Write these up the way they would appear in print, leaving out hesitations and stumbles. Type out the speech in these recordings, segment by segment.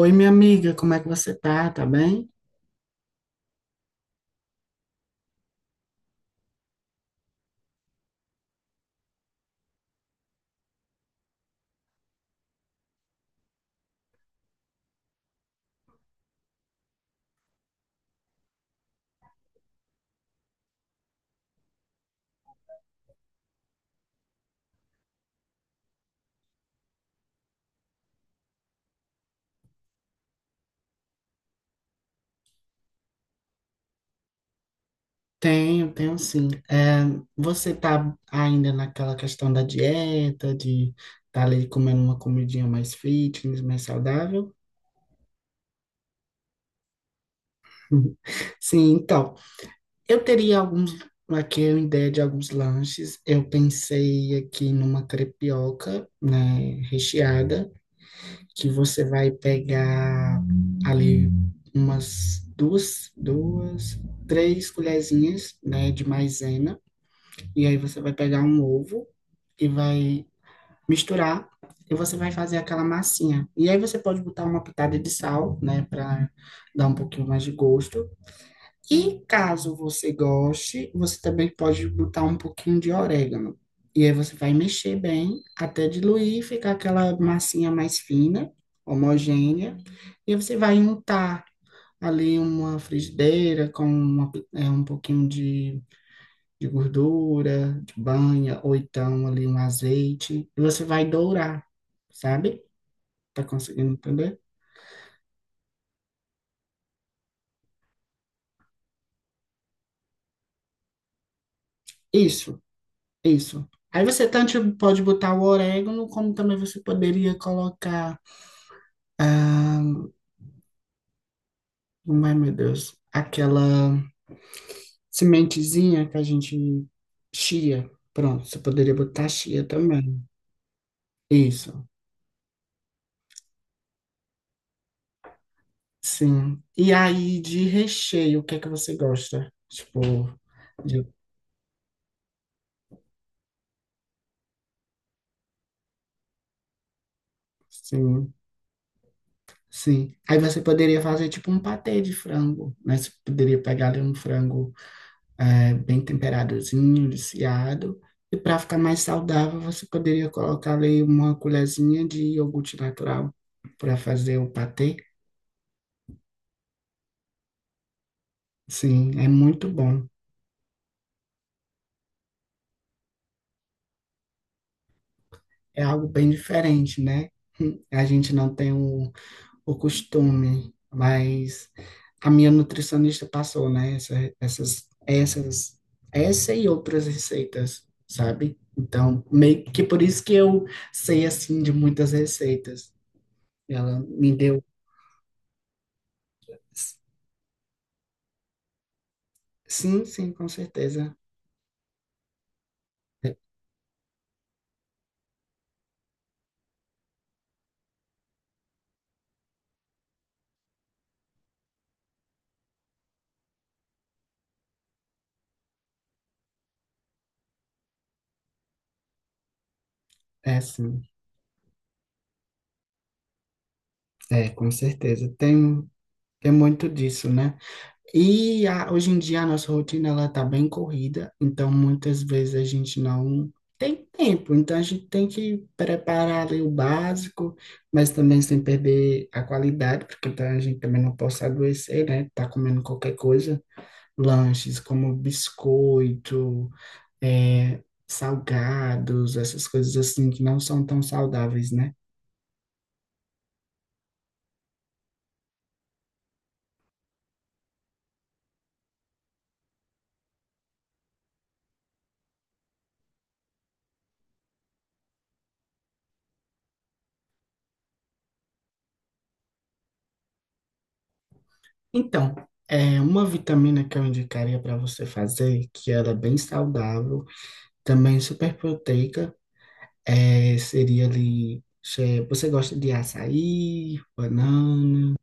Oi, minha amiga, como é que você tá? Tá bem? Tenho, tenho sim. Você tá ainda naquela questão da dieta, de tá ali comendo uma comidinha mais fitness, mais saudável? Sim, então, eu teria alguns, aqui uma ideia de alguns lanches. Eu pensei aqui numa crepioca, né, recheada, que você vai pegar ali umas três colherzinhas, né, de maisena. E aí você vai pegar um ovo e vai misturar, e você vai fazer aquela massinha. E aí você pode botar uma pitada de sal, né, para dar um pouquinho mais de gosto. E caso você goste, você também pode botar um pouquinho de orégano. E aí você vai mexer bem até diluir e ficar aquela massinha mais fina, homogênea. E aí você vai untar ali uma frigideira com uma um pouquinho de gordura, de banha, ou então ali um azeite, e você vai dourar, sabe? Tá conseguindo entender? Isso, isso. Aí você tanto pode botar o orégano, como também você poderia colocar, como é, meu Deus, aquela sementezinha que a gente chia. Pronto, você poderia botar chia também. Isso, sim. E aí, de recheio, o que é que você gosta? De, sim. Sim. Aí você poderia fazer tipo um patê de frango, né? Você poderia pegar ali um frango bem temperadozinho, desfiado. E para ficar mais saudável, você poderia colocar ali uma colherzinha de iogurte natural para fazer o patê. Sim, é muito bom. É algo bem diferente, né? A gente não tem o costume, mas a minha nutricionista passou, né, essas, essas, essa e outras receitas, sabe? Então, meio que por isso que eu sei, assim, de muitas receitas. Ela me deu, sim, sim, com certeza, é, é sim, é, com certeza, tem, tem muito disso, né? E a- hoje em dia a nossa rotina ela tá bem corrida, então muitas vezes a gente não tem tempo, então a gente tem que preparar ali o básico, mas também sem perder a qualidade, porque tá- a gente também não pode adoecer, né? Tá comendo qualquer coisa, lanches como biscoito, é, salgados, essas coisas assim que não são tão saudáveis, né? Então, é uma vitamina que eu indicaria para você fazer, que ela é bem saudável. Também super proteica. Seria ali. Você gosta de açaí, banana?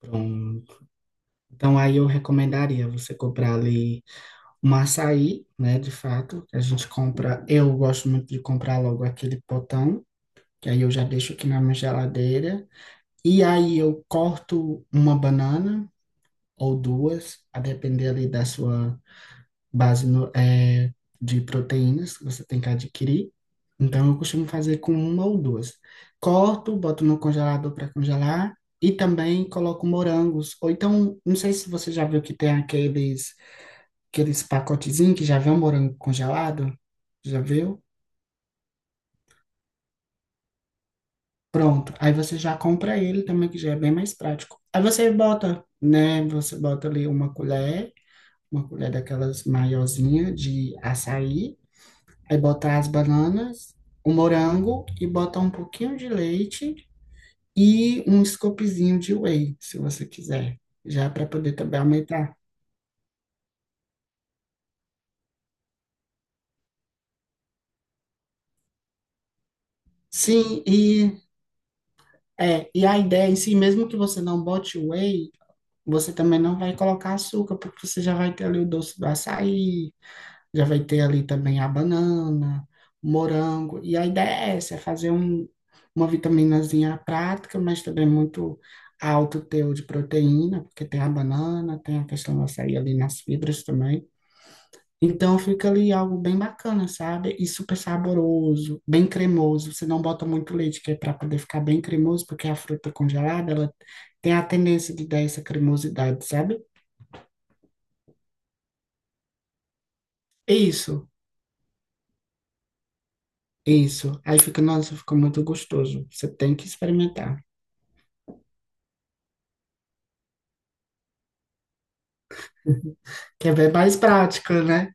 Pronto. Então aí eu recomendaria você comprar ali um açaí, né? De fato, que a gente compra. Eu gosto muito de comprar logo aquele potão, que aí eu já deixo aqui na minha geladeira. E aí eu corto uma banana ou duas, a depender ali da sua base de proteínas que você tem que adquirir. Então, eu costumo fazer com uma ou duas. Corto, boto no congelador para congelar e também coloco morangos. Ou então, não sei se você já viu que tem aqueles, aqueles pacotezinhos que já vem um morango congelado. Já viu? Pronto. Aí você já compra ele também, que já é bem mais prático. Aí você bota, né? Você bota ali uma colher daquelas maiorzinha de açaí. Aí botar as bananas, o morango e botar um pouquinho de leite e um scoopzinho de whey, se você quiser, já para poder também aumentar. Sim, e e a ideia em si, mesmo que você não bote whey, você também não vai colocar açúcar, porque você já vai ter ali o doce do açaí. Já vai ter ali também a banana, o morango. E a ideia é essa, é fazer um, uma vitaminazinha prática, mas também muito alto teor de proteína, porque tem a banana, tem a questão da açaí ali nas fibras também. Então fica ali algo bem bacana, sabe? E super saboroso, bem cremoso. Você não bota muito leite, que é para poder ficar bem cremoso, porque a fruta congelada, ela tem a tendência de dar essa cremosidade, sabe? É isso. Isso. Aí fica, nossa, fica muito gostoso. Você tem que experimentar. Quer ver mais prática, né?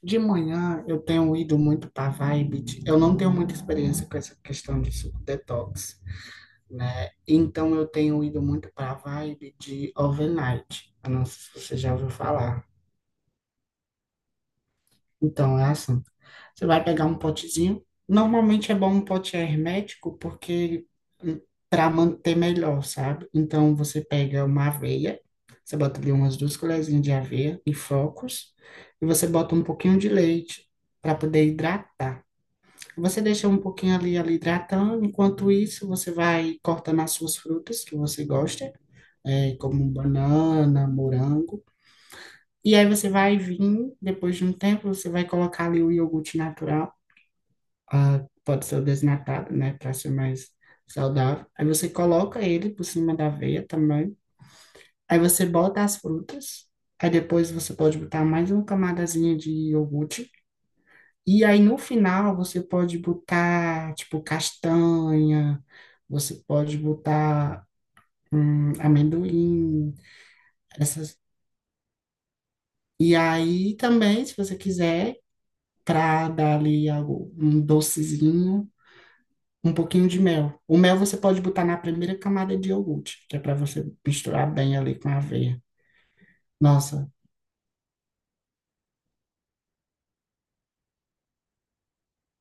De manhã eu tenho ido muito para vibe. Eu não tenho muita experiência com essa questão de suco detox, né? Então eu tenho ido muito para vibe de overnight. Eu não sei se você já ouviu falar. Então, é assim. Você vai pegar um potezinho. Normalmente é bom um pote hermético porque para manter melhor, sabe? Então você pega uma aveia, você bota ali umas duas colherzinhas de aveia e flocos, e você bota um pouquinho de leite para poder hidratar. Você deixa um pouquinho ali, ali hidratando. Enquanto isso, você vai cortando as suas frutas que você gosta, como banana, morango. E aí você vai vir, depois de um tempo, você vai colocar ali o iogurte natural. Pode ser o desnatado, né, para ser mais saudável. Aí você coloca ele por cima da aveia também. Aí você bota as frutas. Aí depois você pode botar mais uma camadazinha de iogurte. E aí no final você pode botar, tipo, castanha, você pode botar amendoim, essas. E aí também, se você quiser, para dar ali algo, um docezinho, um pouquinho de mel. O mel você pode botar na primeira camada de iogurte, que é para você misturar bem ali com a aveia. Nossa,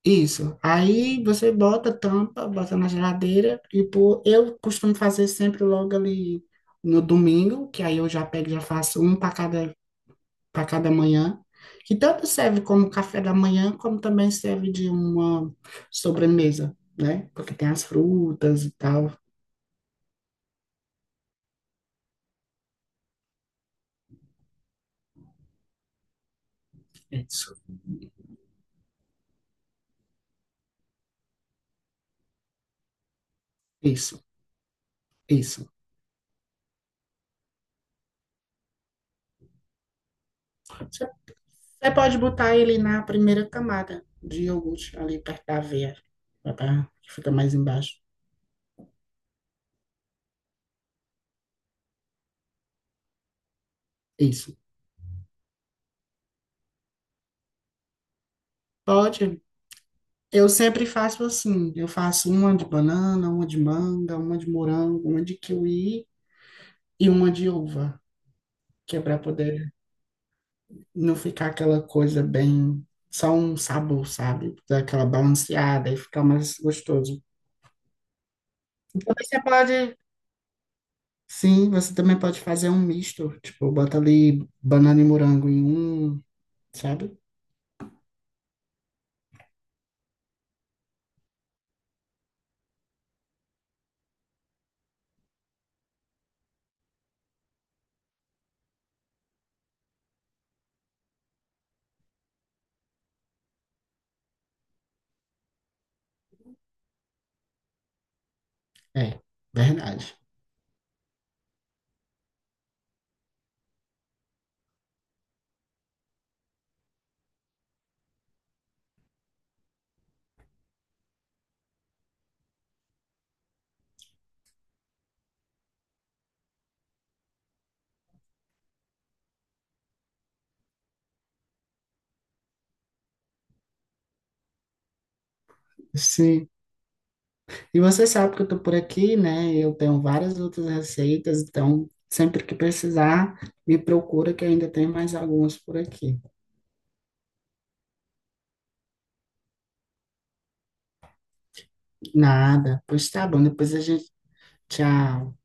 isso. Aí você bota, tampa, bota na geladeira e pô, eu costumo fazer sempre logo ali no domingo, que aí eu já pego, e já faço um para cada manhã. Que tanto serve como café da manhã, como também serve de uma sobremesa, né? Porque tem as frutas e tal. Isso, isso, isso. Você você pode botar ele na primeira camada de iogurte, ali perto da aveia, que fica mais embaixo. Isso. Pode. Eu sempre faço assim. Eu faço uma de banana, uma de manga, uma de morango, uma de kiwi e uma de uva, que é para poder não ficar aquela coisa bem só um sabor, sabe? Dar aquela balanceada e ficar mais gostoso. Também você pode, sim, você também pode fazer um misto, tipo, bota ali banana e morango em um, sabe? É, verdade. Sim. E você sabe que eu tô por aqui, né? Eu tenho várias outras receitas, então sempre que precisar, me procura que ainda tem mais algumas por aqui. Nada. Pois tá bom, depois a gente. Tchau.